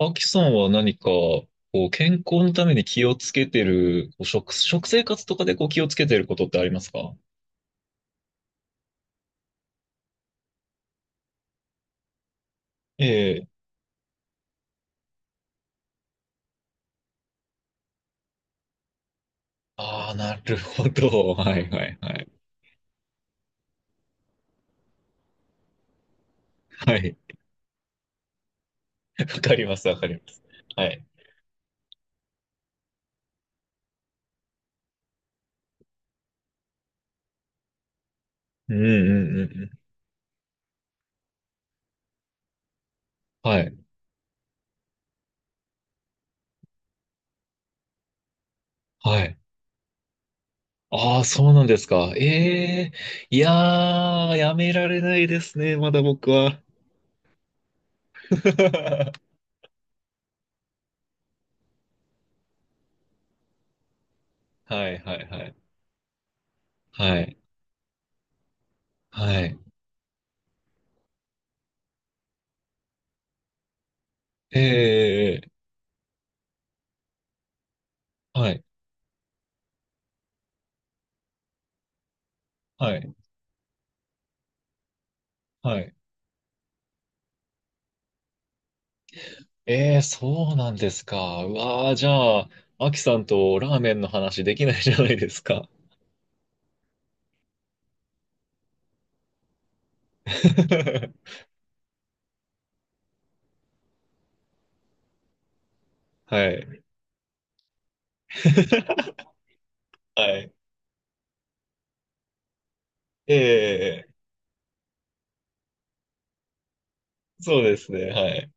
アキさんは何か、こう、健康のために気をつけてる、こう食生活とかでこう気をつけてることってありますか？ええ。ああ、なるほど。はいはいはい。はい。わかります、わかります。はい。うんうんうんうん。はい。はい。ああ、そうなんですか。ええ。いやー、やめられないですね、まだ僕は。はいはいはい。はい。はい。ええ。はい。はい。はい。ええ、そうなんですか。うわあ、じゃあ、アキさんとラーメンの話できないじゃないですか。はい。はい。ええ、そうですね。はい。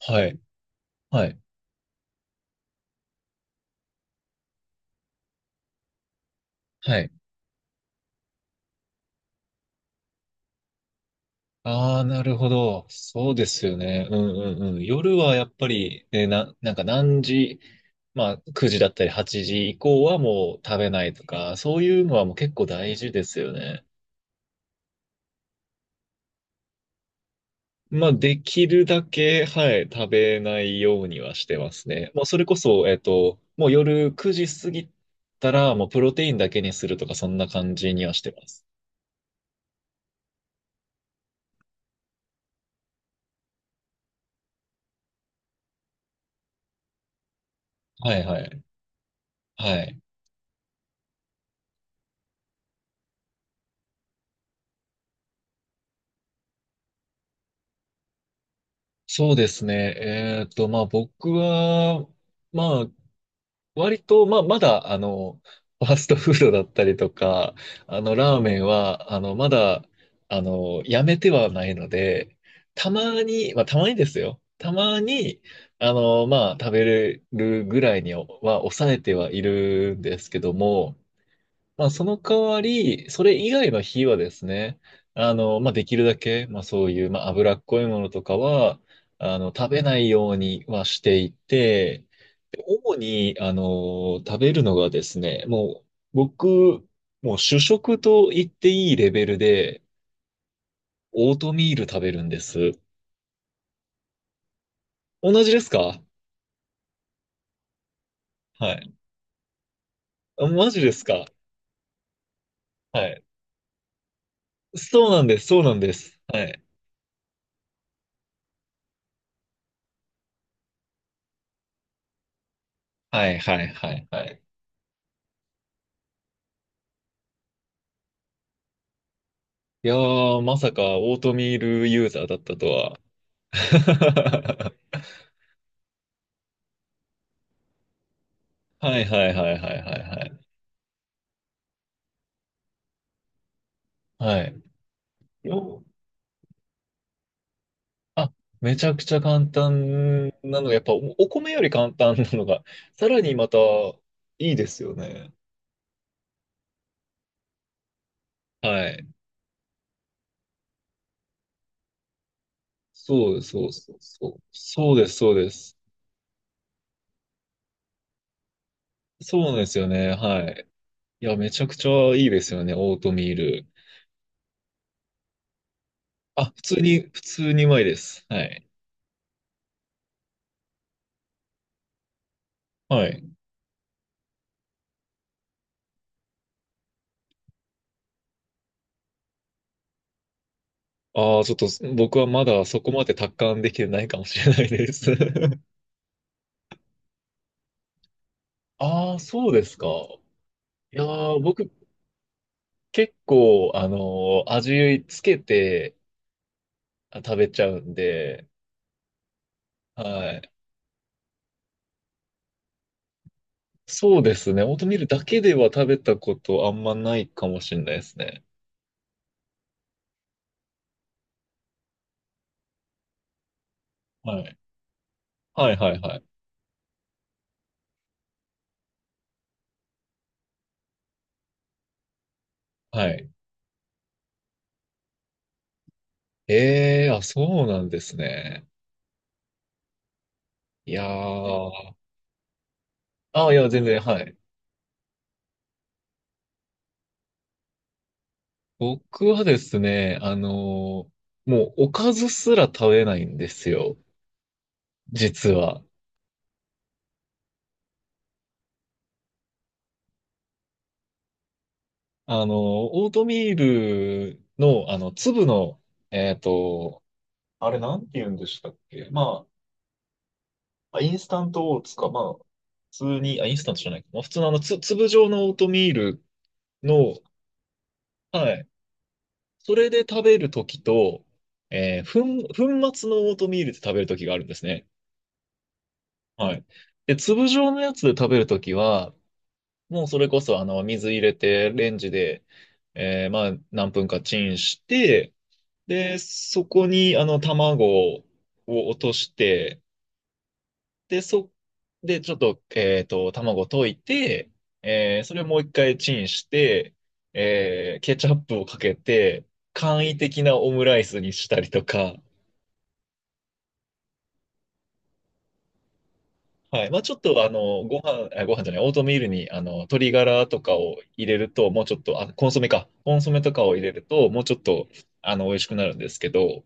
はい。はい。はい。ああ、なるほど。そうですよね。うんうんうん。夜はやっぱり、なんか何時、まあ、9時だったり8時以降はもう食べないとか、そういうのはもう結構大事ですよね。まあ、できるだけ、はい、食べないようにはしてますね。もうそれこそ、もう夜9時過ぎたら、もうプロテインだけにするとか、そんな感じにはしてます。はいはい。はい。そうですね。まあ僕は、まあ割と、まあ、まだ、ファーストフードだったりとか、ラーメンは、まだ、やめてはないので、たまに、まあ、たまにですよ。たまに、まあ、食べれるぐらいには抑えてはいるんですけども、まあ、その代わり、それ以外の火はですね、まあ、できるだけ、まあ、そういう、まあ、脂っこいものとかは、食べないようにはしていて、で主に、食べるのがですね、もう、僕、もう主食と言っていいレベルで、オートミール食べるんです。同じですか？はい。あマジですか？はい。そうなんです、そうなんです。はい。はい、はい、はい、はい。いやー、まさかオートミールユーザーだったとは。はいはいはいはいはいはい。はい。よあ、めちゃくちゃ簡単なのが、やっぱお、お米より簡単なのが、さらにまたいいですよね。はい。そうそうそうそう。そうです、そうです。そうなんですよね。はい。いや、めちゃくちゃいいですよね、オートミール。あ、普通に、普通にうまいです。はい。はい。ああ、ちょっと僕はまだそこまで達観できてないかもしれないです。ああ、そうですか。いやー、僕結構、味つけてあ食べちゃうんで、はい。そうですね。オートミールだけでは食べたことあんまないかもしれないですね。はい。はいはいはい。はい。ええー、あ、そうなんですね。いやー。ああ、いや、全然、はい。僕はですね、もうおかずすら食べないんですよ、実は。あのオートミールの、粒の、えっと、あれなんて言うんでしたっけ？まあ、あインスタントオーツか、まあ、普通に、あ、インスタントじゃないか。まあ、普通の粒状のオートミールの、はい。それで食べるときと、えー、粉末のオートミールで食べるときがあるんですね。はい。で、粒状のやつで食べるときは、もうそれこそ、水入れて、レンジで、まあ、何分かチンして、で、そこに、卵を落として、で、そ、で、ちょっと、卵溶いて、それをもう一回チンして、ケチャップをかけて、簡易的なオムライスにしたりとか、はい。まあ、ちょっと、ご飯、あご飯じゃない、オートミールに、鶏ガラとかを入れると、もうちょっと、あ、コンソメか。コンソメとかを入れると、もうちょっと、美味しくなるんですけど、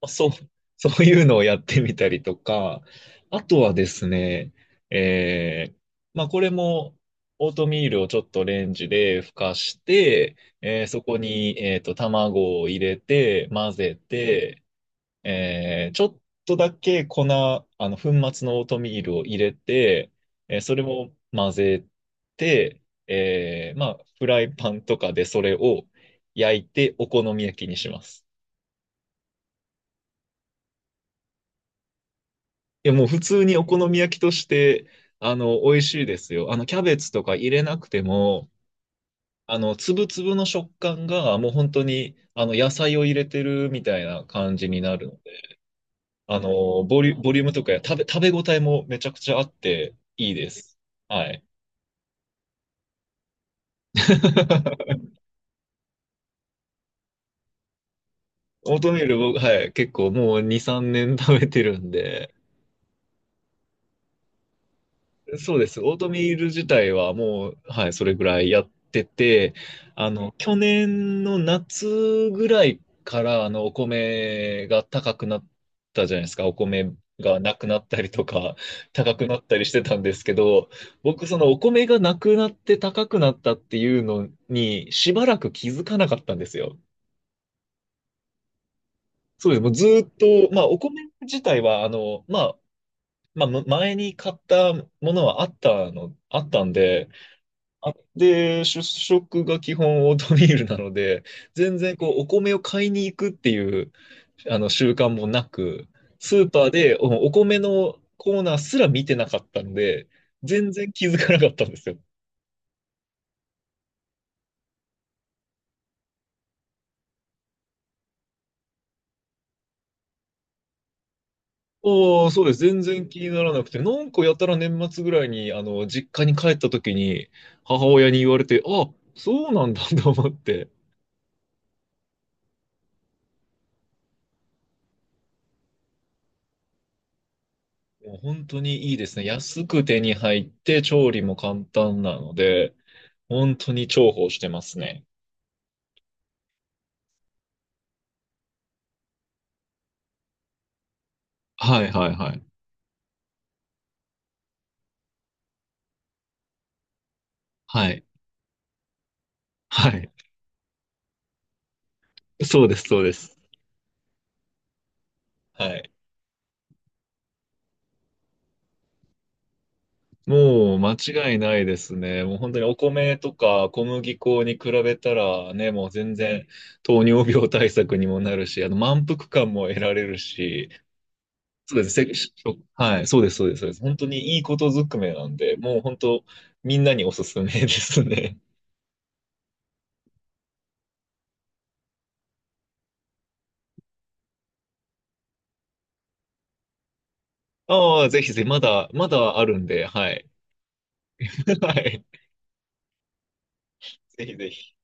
まあ、そう、そういうのをやってみたりとか、あとはですね、えー、まあ、これも、オートミールをちょっとレンジでふかして、そこに、卵を入れて、混ぜて、ちょっとだけ粉末のオートミールを入れて、それを混ぜて、まあ、フライパンとかでそれを焼いてお好み焼きにします。いや、もう普通にお好み焼きとして、美味しいですよ。キャベツとか入れなくても、粒々の食感がもう本当に、野菜を入れてるみたいな感じになるの。ボリュームとかや食べ、食べ応えもめちゃくちゃあっていいです。はい。オートミール僕、はい、結構もう2、3年食べてるんで、そうです。オートミール自体はもう、はい、それぐらいやってて、去年の夏ぐらいから、お米が高くなったじゃないですか。お米がなくなったりとか、高くなったりしてたんですけど、僕、そのお米がなくなって高くなったっていうのに、しばらく気づかなかったんですよ。そうです。もうずーっと、まあ、お米自体は、まあ、まあ、前に買ったものはあったの、あったんで、あで、主食が基本オートミールなので、全然こうお米を買いに行くっていうあの習慣もなく、スーパーでお米のコーナーすら見てなかったんで、全然気づかなかったんですよ。おー、そうです。全然気にならなくて、なんかやたら年末ぐらいに、実家に帰った時に、母親に言われて、あ、そうなんだ と思って、もう本当にいいですね。安く手に入って、調理も簡単なので、本当に重宝してますね。はいはいはい。はい。はい。そうです、そうです。はい。もう間違いないですね。もう本当にお米とか小麦粉に比べたらね、もう全然糖尿病対策にもなるし、あの満腹感も得られるし、そうです。はい、そうです、そうです、そうです。本当にいいことずくめなんで、もう本当みんなにおすすめですね。ああ、ぜひぜひ、まだ、まだあるんで、はい。はい。ぜひぜひ。